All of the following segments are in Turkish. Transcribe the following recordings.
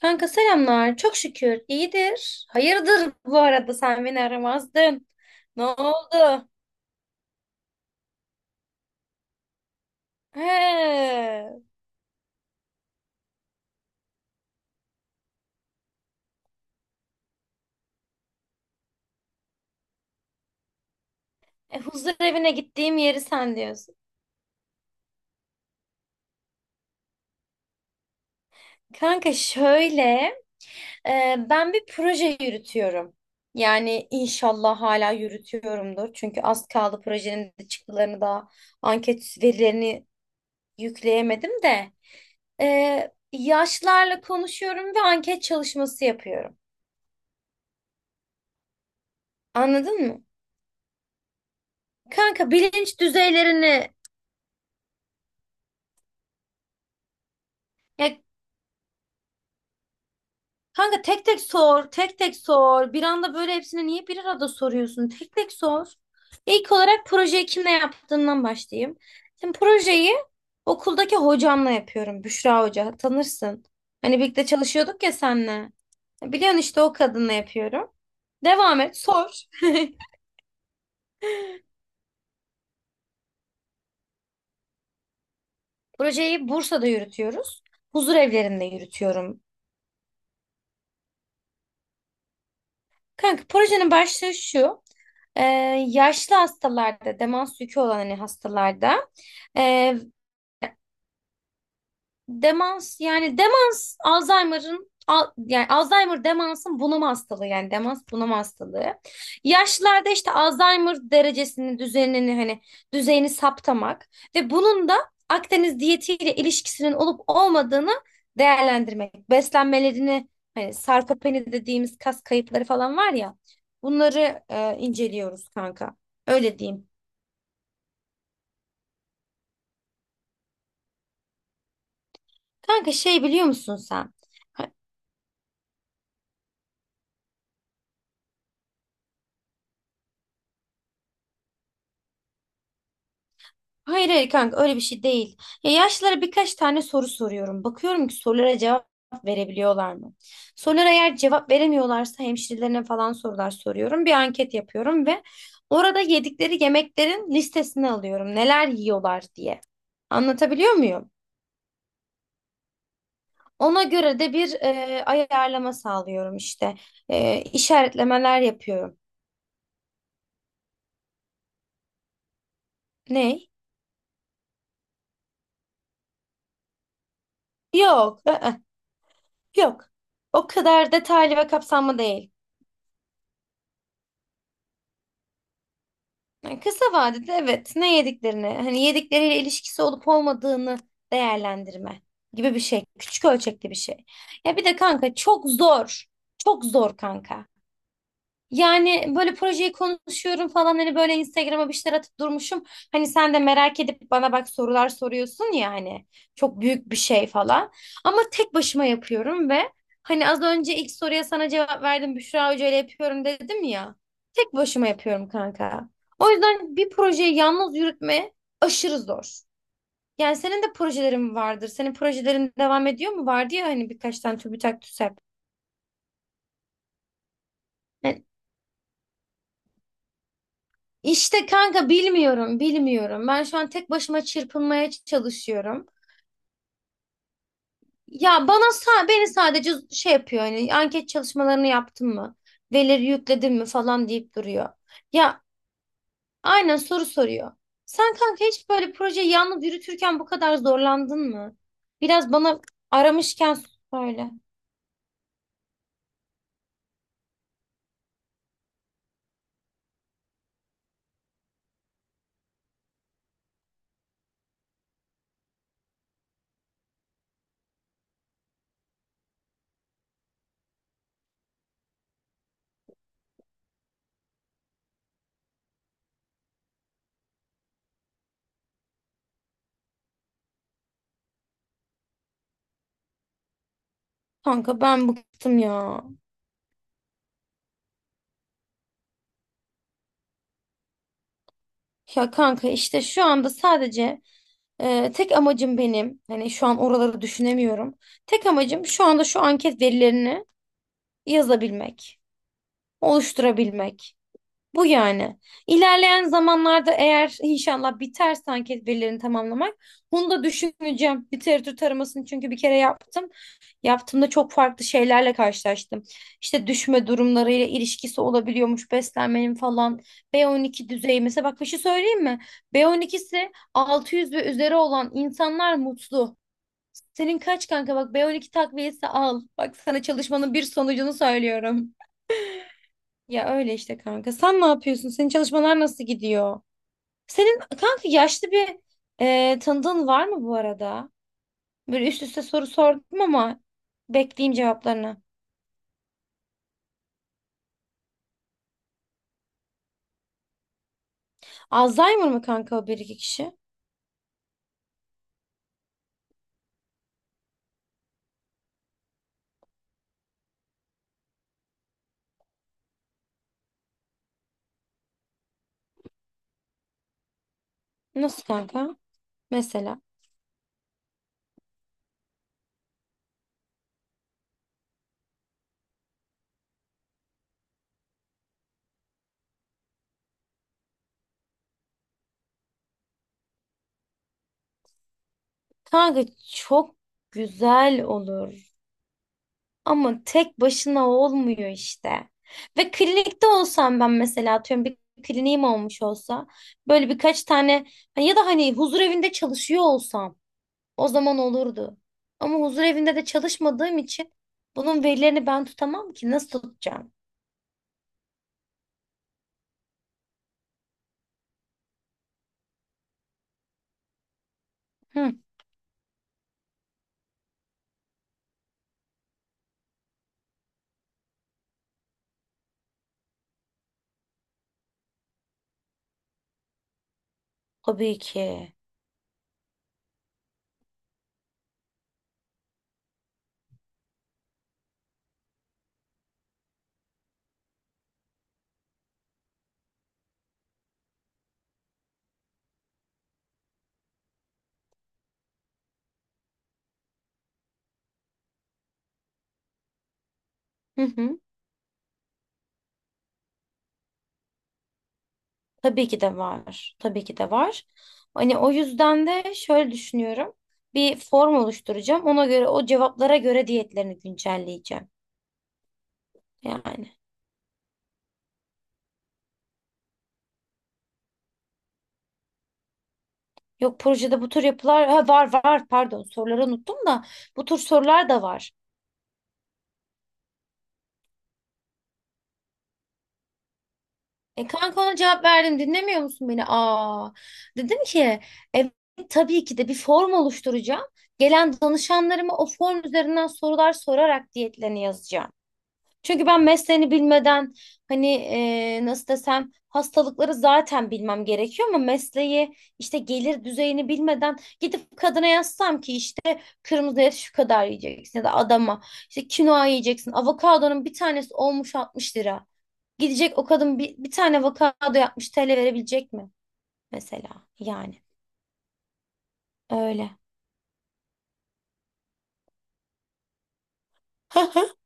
Kanka selamlar. Çok şükür. İyidir. Hayırdır, bu arada sen beni aramazdın. Ne oldu? He. E, huzur evine gittiğim yeri sen diyorsun. Kanka şöyle, ben bir proje yürütüyorum. Yani inşallah hala yürütüyorumdur. Çünkü az kaldı, projenin de çıktılarını da anket verilerini yükleyemedim de. Yaşlarla konuşuyorum ve anket çalışması yapıyorum. Anladın mı? Kanka bilinç düzeylerini. Ya kanka, tek tek sor, tek tek sor. Bir anda böyle hepsini niye bir arada soruyorsun? Tek tek sor. İlk olarak projeyi kimle yaptığından başlayayım. Şimdi projeyi okuldaki hocamla yapıyorum. Büşra Hoca, tanırsın. Hani birlikte çalışıyorduk ya senle. Biliyorsun, işte o kadınla yapıyorum. Devam et, sor. Projeyi Bursa'da yürütüyoruz. Huzur evlerinde yürütüyorum. Kanka projenin başlığı şu. Ee, yaşlı hastalarda, demans yükü olan hani hastalarda ee, demans, yani demans yani Alzheimer demansın bunama hastalığı, yani demans bunama hastalığı. Yaşlılarda işte Alzheimer derecesini, düzenini hani düzeyini saptamak ve bunun da Akdeniz diyetiyle ilişkisinin olup olmadığını değerlendirmek. Beslenmelerini, hani sarkopeni dediğimiz kas kayıpları falan var ya, bunları inceliyoruz kanka. Öyle diyeyim. Kanka şey biliyor musun sen? Ha- Hayır hayır kanka, öyle bir şey değil. Ya yaşlılara birkaç tane soru soruyorum. Bakıyorum ki sorulara cevap verebiliyorlar mı? Sorulara eğer cevap veremiyorlarsa hemşirelerine falan sorular soruyorum. Bir anket yapıyorum ve orada yedikleri yemeklerin listesini alıyorum. Neler yiyorlar diye. Anlatabiliyor muyum? Ona göre de bir ayarlama sağlıyorum işte. İşaretlemeler yapıyorum. Ne? Yok. I-ı, yok. O kadar detaylı ve kapsamlı değil. Yani kısa vadede evet, ne yediklerini hani yedikleriyle ilişkisi olup olmadığını değerlendirme gibi bir şey. Küçük ölçekli bir şey. Ya bir de kanka, çok zor. Çok zor kanka. Yani böyle projeyi konuşuyorum falan, hani böyle Instagram'a bir şeyler atıp durmuşum. Hani sen de merak edip bana bak sorular soruyorsun ya, hani çok büyük bir şey falan. Ama tek başıma yapıyorum ve hani az önce ilk soruya sana cevap verdim, Büşra Hoca ile yapıyorum dedim ya. Tek başıma yapıyorum kanka. O yüzden bir projeyi yalnız yürütme aşırı zor. Yani senin de projelerin vardır. Senin projelerin devam ediyor mu? Vardı ya hani, birkaç tane TÜBİTAK, TÜSEP. İşte kanka bilmiyorum, bilmiyorum. Ben şu an tek başıma çırpınmaya çalışıyorum. Beni sadece şey yapıyor, hani anket çalışmalarını yaptın mı, verileri yükledin mi falan deyip duruyor. Ya aynen, soru soruyor. Sen kanka hiç böyle projeyi yalnız yürütürken bu kadar zorlandın mı? Biraz bana, aramışken söyle. Kanka ben bıktım ya. Ya kanka işte şu anda sadece tek amacım benim, hani şu an oraları düşünemiyorum. Tek amacım şu anda şu anket verilerini yazabilmek, oluşturabilmek. Bu yani. İlerleyen zamanlarda eğer inşallah biterse anket verilerini tamamlamak, bunu da düşüneceğim. Literatür taramasını çünkü bir kere yaptım. Yaptığımda çok farklı şeylerle karşılaştım. İşte düşme durumlarıyla ilişkisi olabiliyormuş beslenmenin falan. B12 düzeyi mesela, bak bir şey söyleyeyim mi? B12'si 600 ve üzeri olan insanlar mutlu. Senin kaç kanka, bak B12 takviyesi al. Bak, sana çalışmanın bir sonucunu söylüyorum. Ya öyle işte kanka. Sen ne yapıyorsun? Senin çalışmalar nasıl gidiyor? Senin kanka yaşlı bir tanıdığın var mı bu arada? Böyle üst üste soru sordum ama bekleyeyim cevaplarını. Alzheimer mı kanka o bir iki kişi? Nasıl kanka? Mesela. Kanka çok güzel olur. Ama tek başına olmuyor işte. Ve klinikte olsam ben, mesela atıyorum bir kliniğim olmuş olsa, böyle birkaç tane hani, ya da hani huzur evinde çalışıyor olsam, o zaman olurdu. Ama huzur evinde de çalışmadığım için bunun verilerini ben tutamam ki, nasıl tutacağım? Hı, tabii ki. Hı hı. Tabii ki de var. Tabii ki de var. Hani o yüzden de şöyle düşünüyorum. Bir form oluşturacağım. Ona göre, o cevaplara göre diyetlerini güncelleyeceğim. Yani. Yok projede bu tür yapılar, ha, var var, pardon soruları unuttum da bu tür sorular da var. E kanka, ona cevap verdim, dinlemiyor musun beni? Aa, dedim ki evet, tabii ki de bir form oluşturacağım. Gelen danışanlarıma o form üzerinden sorular sorarak diyetlerini yazacağım. Çünkü ben mesleğini bilmeden, hani nasıl desem, hastalıkları zaten bilmem gerekiyor ama mesleği, işte gelir düzeyini bilmeden gidip kadına yazsam ki işte kırmızı et şu kadar yiyeceksin, ya da adama işte kinoa yiyeceksin, avokadonun bir tanesi olmuş 60 lira. Gidecek o kadın bir tane avokado yapmış TL verebilecek mi mesela, yani öyle.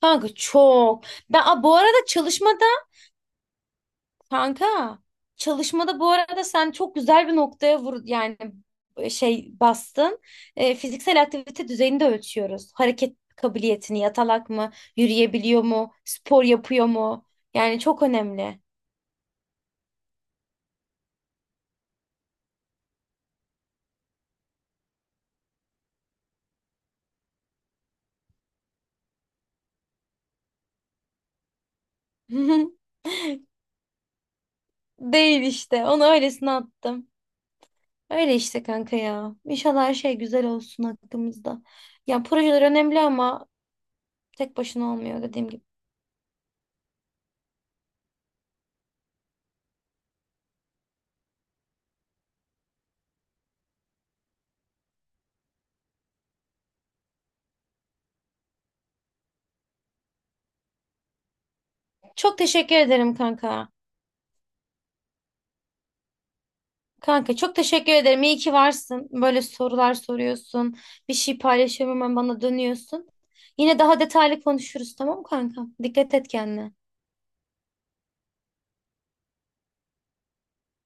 Kanka çok. Bu arada çalışma, kanka çalışmada bu arada sen çok güzel bir noktaya vur, yani şey bastın. Fiziksel aktivite düzeyini de ölçüyoruz. Hareket kabiliyetini, yatalak mı, yürüyebiliyor mu, spor yapıyor mu? Yani çok önemli. Değil işte. Onu öylesine attım. Öyle işte kanka ya. İnşallah her şey güzel olsun hakkımızda. Ya projeler önemli ama tek başına olmuyor dediğim gibi. Çok teşekkür ederim kanka. Kanka çok teşekkür ederim. İyi ki varsın. Böyle sorular soruyorsun. Bir şey paylaşıyorum hemen bana dönüyorsun. Yine daha detaylı konuşuruz, tamam mı kanka? Dikkat et kendine.